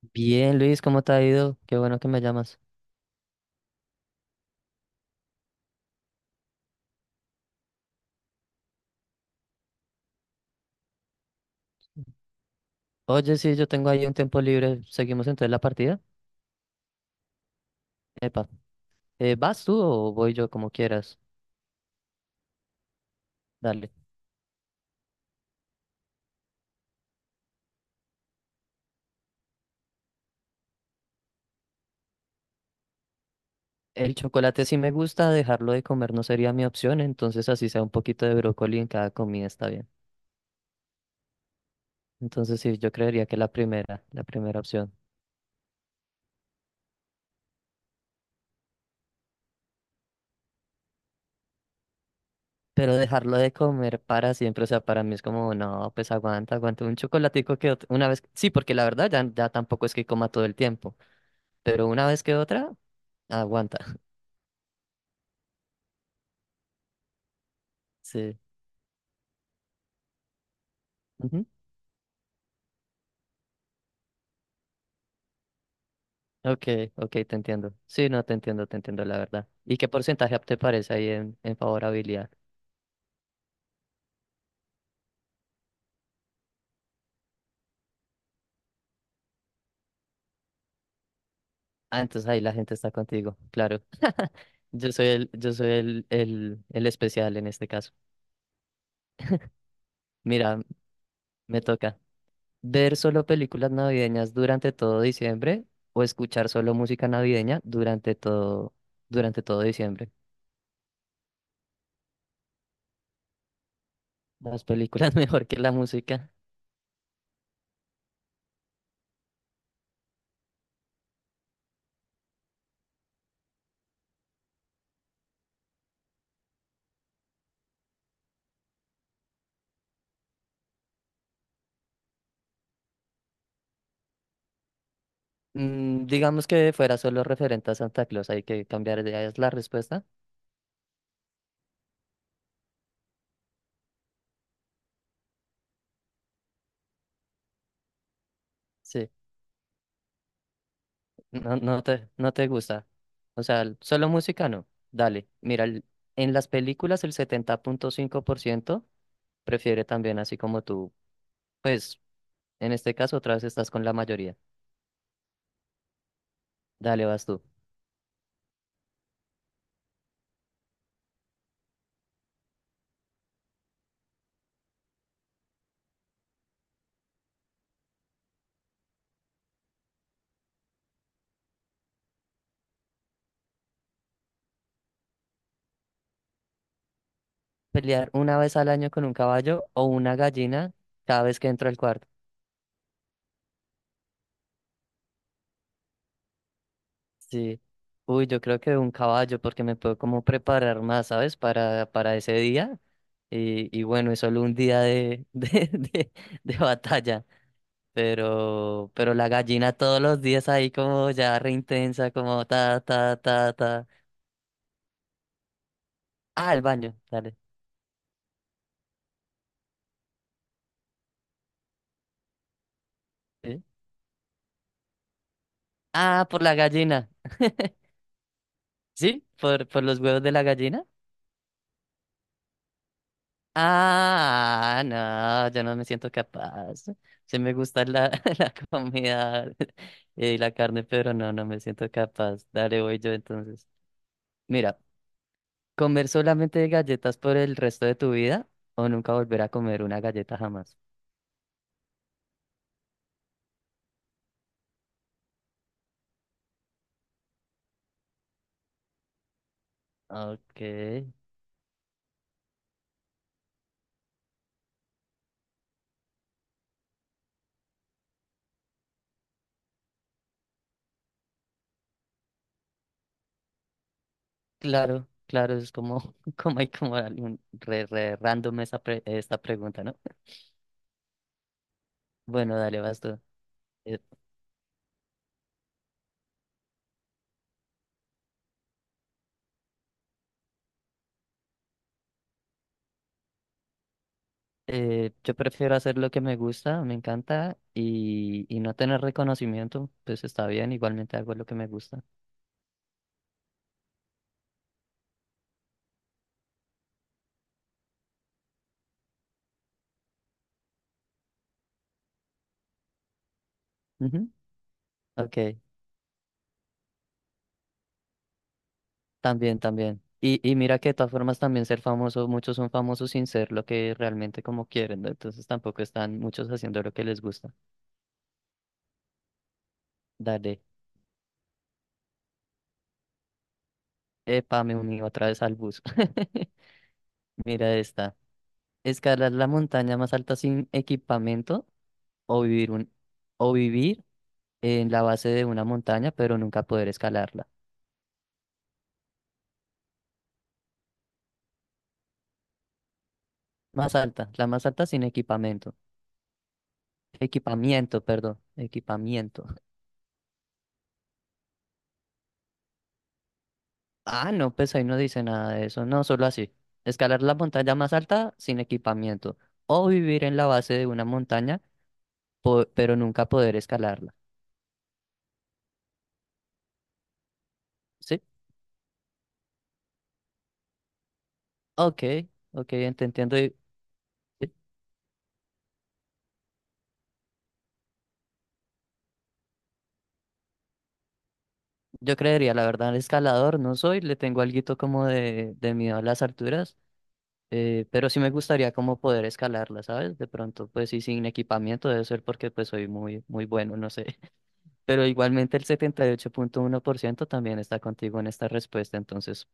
Bien, Luis, ¿cómo te ha ido? Qué bueno que me llamas. Oye, sí, yo tengo ahí un tiempo libre. ¿Seguimos entonces la partida? Epa. ¿Vas tú o voy yo como quieras? Dale. El chocolate sí me gusta, dejarlo de comer no sería mi opción, entonces así sea un poquito de brócoli en cada comida está bien. Entonces sí, yo creería que la primera opción. Pero dejarlo de comer para siempre, o sea, para mí es como, no, pues aguanta, aguanta un chocolatico que una vez, sí, porque la verdad ya tampoco es que coma todo el tiempo, pero una vez que otra, aguanta. Sí. Ok, ok, te entiendo. Sí, no, te entiendo, la verdad. ¿Y qué porcentaje te parece ahí en favorabilidad? Ah, entonces ahí la gente está contigo, claro. Yo soy el especial en este caso. Mira, me toca ver solo películas navideñas durante todo diciembre o escuchar solo música navideña durante todo diciembre. Las películas mejor que la música. Mm, digamos que fuera solo referente a Santa Claus, hay que cambiar de es la respuesta. Sí. No, no te gusta. O sea, solo música no. Dale, mira, en las películas el 70,5% prefiere también así como tú. Pues, en este caso otra vez estás con la mayoría. Dale, vas tú. Pelear una vez al año con un caballo o una gallina cada vez que entro al cuarto. Sí. Uy, yo creo que un caballo porque me puedo como preparar más, ¿sabes? Para ese día. Y bueno, es solo un día de, de batalla. Pero la gallina todos los días ahí como ya re intensa, como ta, ta, ta, ta. Ah, el baño, dale. ¿Sí? Ah, por la gallina. ¿Sí? ¿Por los huevos de la gallina? Ah, no, yo no me siento capaz. Sí me gusta la, la comida y la carne, pero no, no me siento capaz. Dale, voy yo entonces. Mira, ¿comer solamente galletas por el resto de tu vida o nunca volver a comer una galleta jamás? Ok. Claro, claro, es como, como hay como algún re random esa esta pregunta, ¿no? Bueno, dale, vas tú. Eh, yo prefiero hacer lo que me gusta, me encanta, y no tener reconocimiento, pues está bien, igualmente hago lo que me gusta. Ujú. Ok, también, también. Y mira que de todas formas también ser famoso, muchos son famosos sin ser lo que realmente como quieren, ¿no? Entonces tampoco están muchos haciendo lo que les gusta. Dale, epa, me uní otra vez al bus. Mira esta. Escalar la montaña más alta sin equipamiento o vivir un, o vivir en la base de una montaña, pero nunca poder escalarla. Más alta, la más alta sin equipamiento. Equipamiento, perdón, equipamiento. Ah, no, pues ahí no dice nada de eso, no, solo así. Escalar la montaña más alta sin equipamiento o vivir en la base de una montaña, pero nunca poder escalarla. ¿Sí? Ok, ok, entiendo. Yo creería, la verdad, escalador no soy, le tengo alguito como de, miedo a las alturas, pero sí me gustaría como poder escalarla, ¿sabes? De pronto, pues sí, sin equipamiento debe ser porque pues soy muy, muy bueno, no sé. Pero igualmente el 78,1% también está contigo en esta respuesta, entonces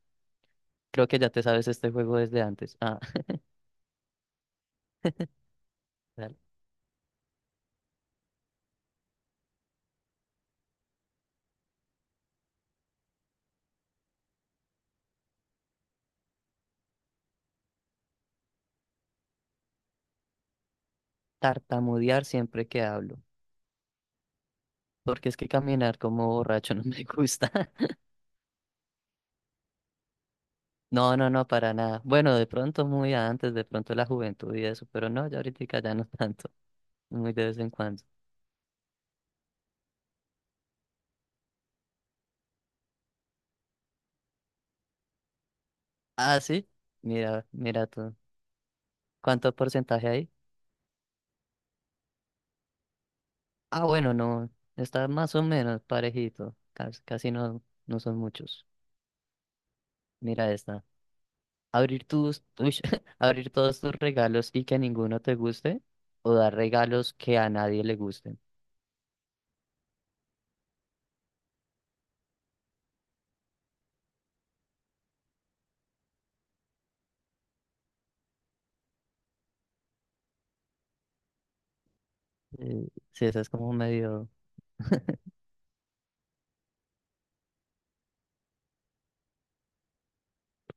creo que ya te sabes este juego desde antes. Ah, dale. Tartamudear siempre que hablo, porque es que caminar como borracho no me gusta. No, no, no, para nada. Bueno, de pronto muy antes, de pronto la juventud y eso, pero no, ya ahorita ya no tanto, muy de vez en cuando. Ah, sí, mira, mira tú. ¿Cuánto porcentaje hay? Ah, bueno, no, está más o menos parejito, casi, casi no, no son muchos. Mira esta. Uy, abrir todos tus regalos y que ninguno te guste, o dar regalos que a nadie le gusten. Sí, eso es como medio.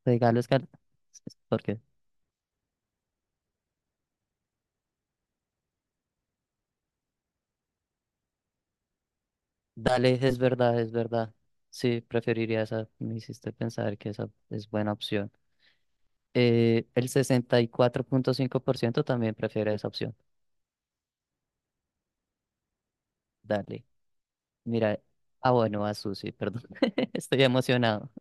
Regalos que... a- porque. Dale, es verdad, es verdad. Sí, preferiría esa. Me hiciste pensar que esa es buena opción. El 64,5% también prefiere esa opción. Dale. Mira. Ah, bueno, a Susi, perdón. Estoy emocionado.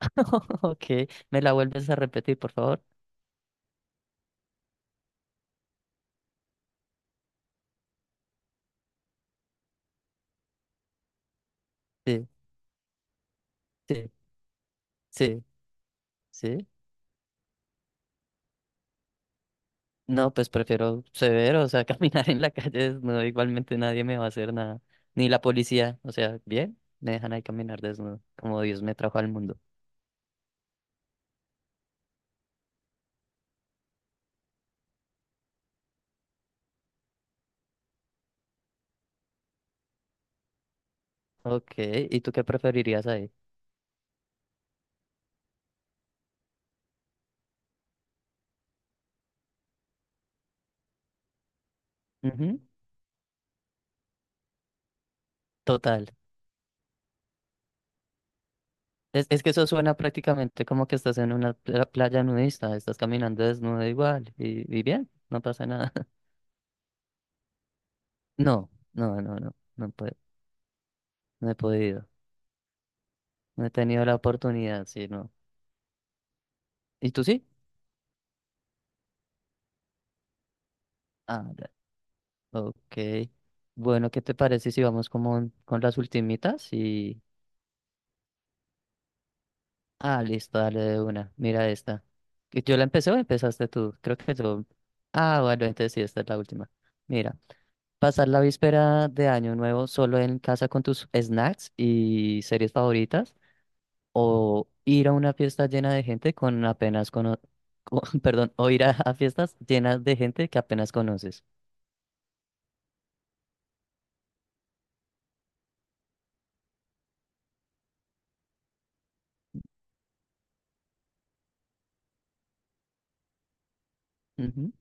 Ok. ¿Me la vuelves a repetir, por favor? Sí, sí, sí, sí. No, pues prefiero severo, o sea, caminar en la calle desnudo. Igualmente nadie me va a hacer nada. Ni la policía. O sea, bien, me dejan ahí caminar desnudo, como Dios me trajo al mundo. Ok, ¿y tú qué preferirías ahí? Ujú. Total. Es que eso suena prácticamente como que estás en una playa nudista, estás caminando desnudo igual y bien, no pasa nada. No, no, no, no, no, puedo, no he podido, no he tenido la oportunidad, sí, no. ¿Y tú sí? Ah, ya. Ok. Bueno, ¿qué te parece si vamos como con las ultimitas? Y... Ah, listo, dale de una, mira esta. ¿Que ¿Yo la empecé o empezaste tú? Creo que yo... Ah, bueno, entonces sí, esta es la última. Mira. Pasar la víspera de Año Nuevo solo en casa con tus snacks y series favoritas, o ir a una fiesta llena de gente con apenas cono perdón, o ir a fiestas llenas de gente que apenas conoces. Ujú.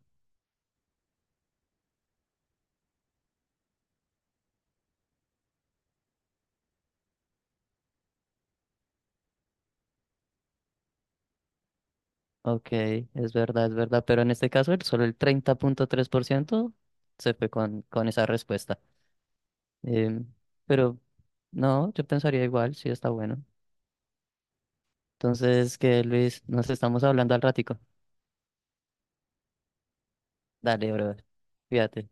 Ok, es verdad, pero en este caso solo el 30,3% se fue con esa respuesta. Em, pero no, yo pensaría igual, sí está bueno. Entonces, que Luis, nos estamos hablando al ratico. Dale, brother, fíjate.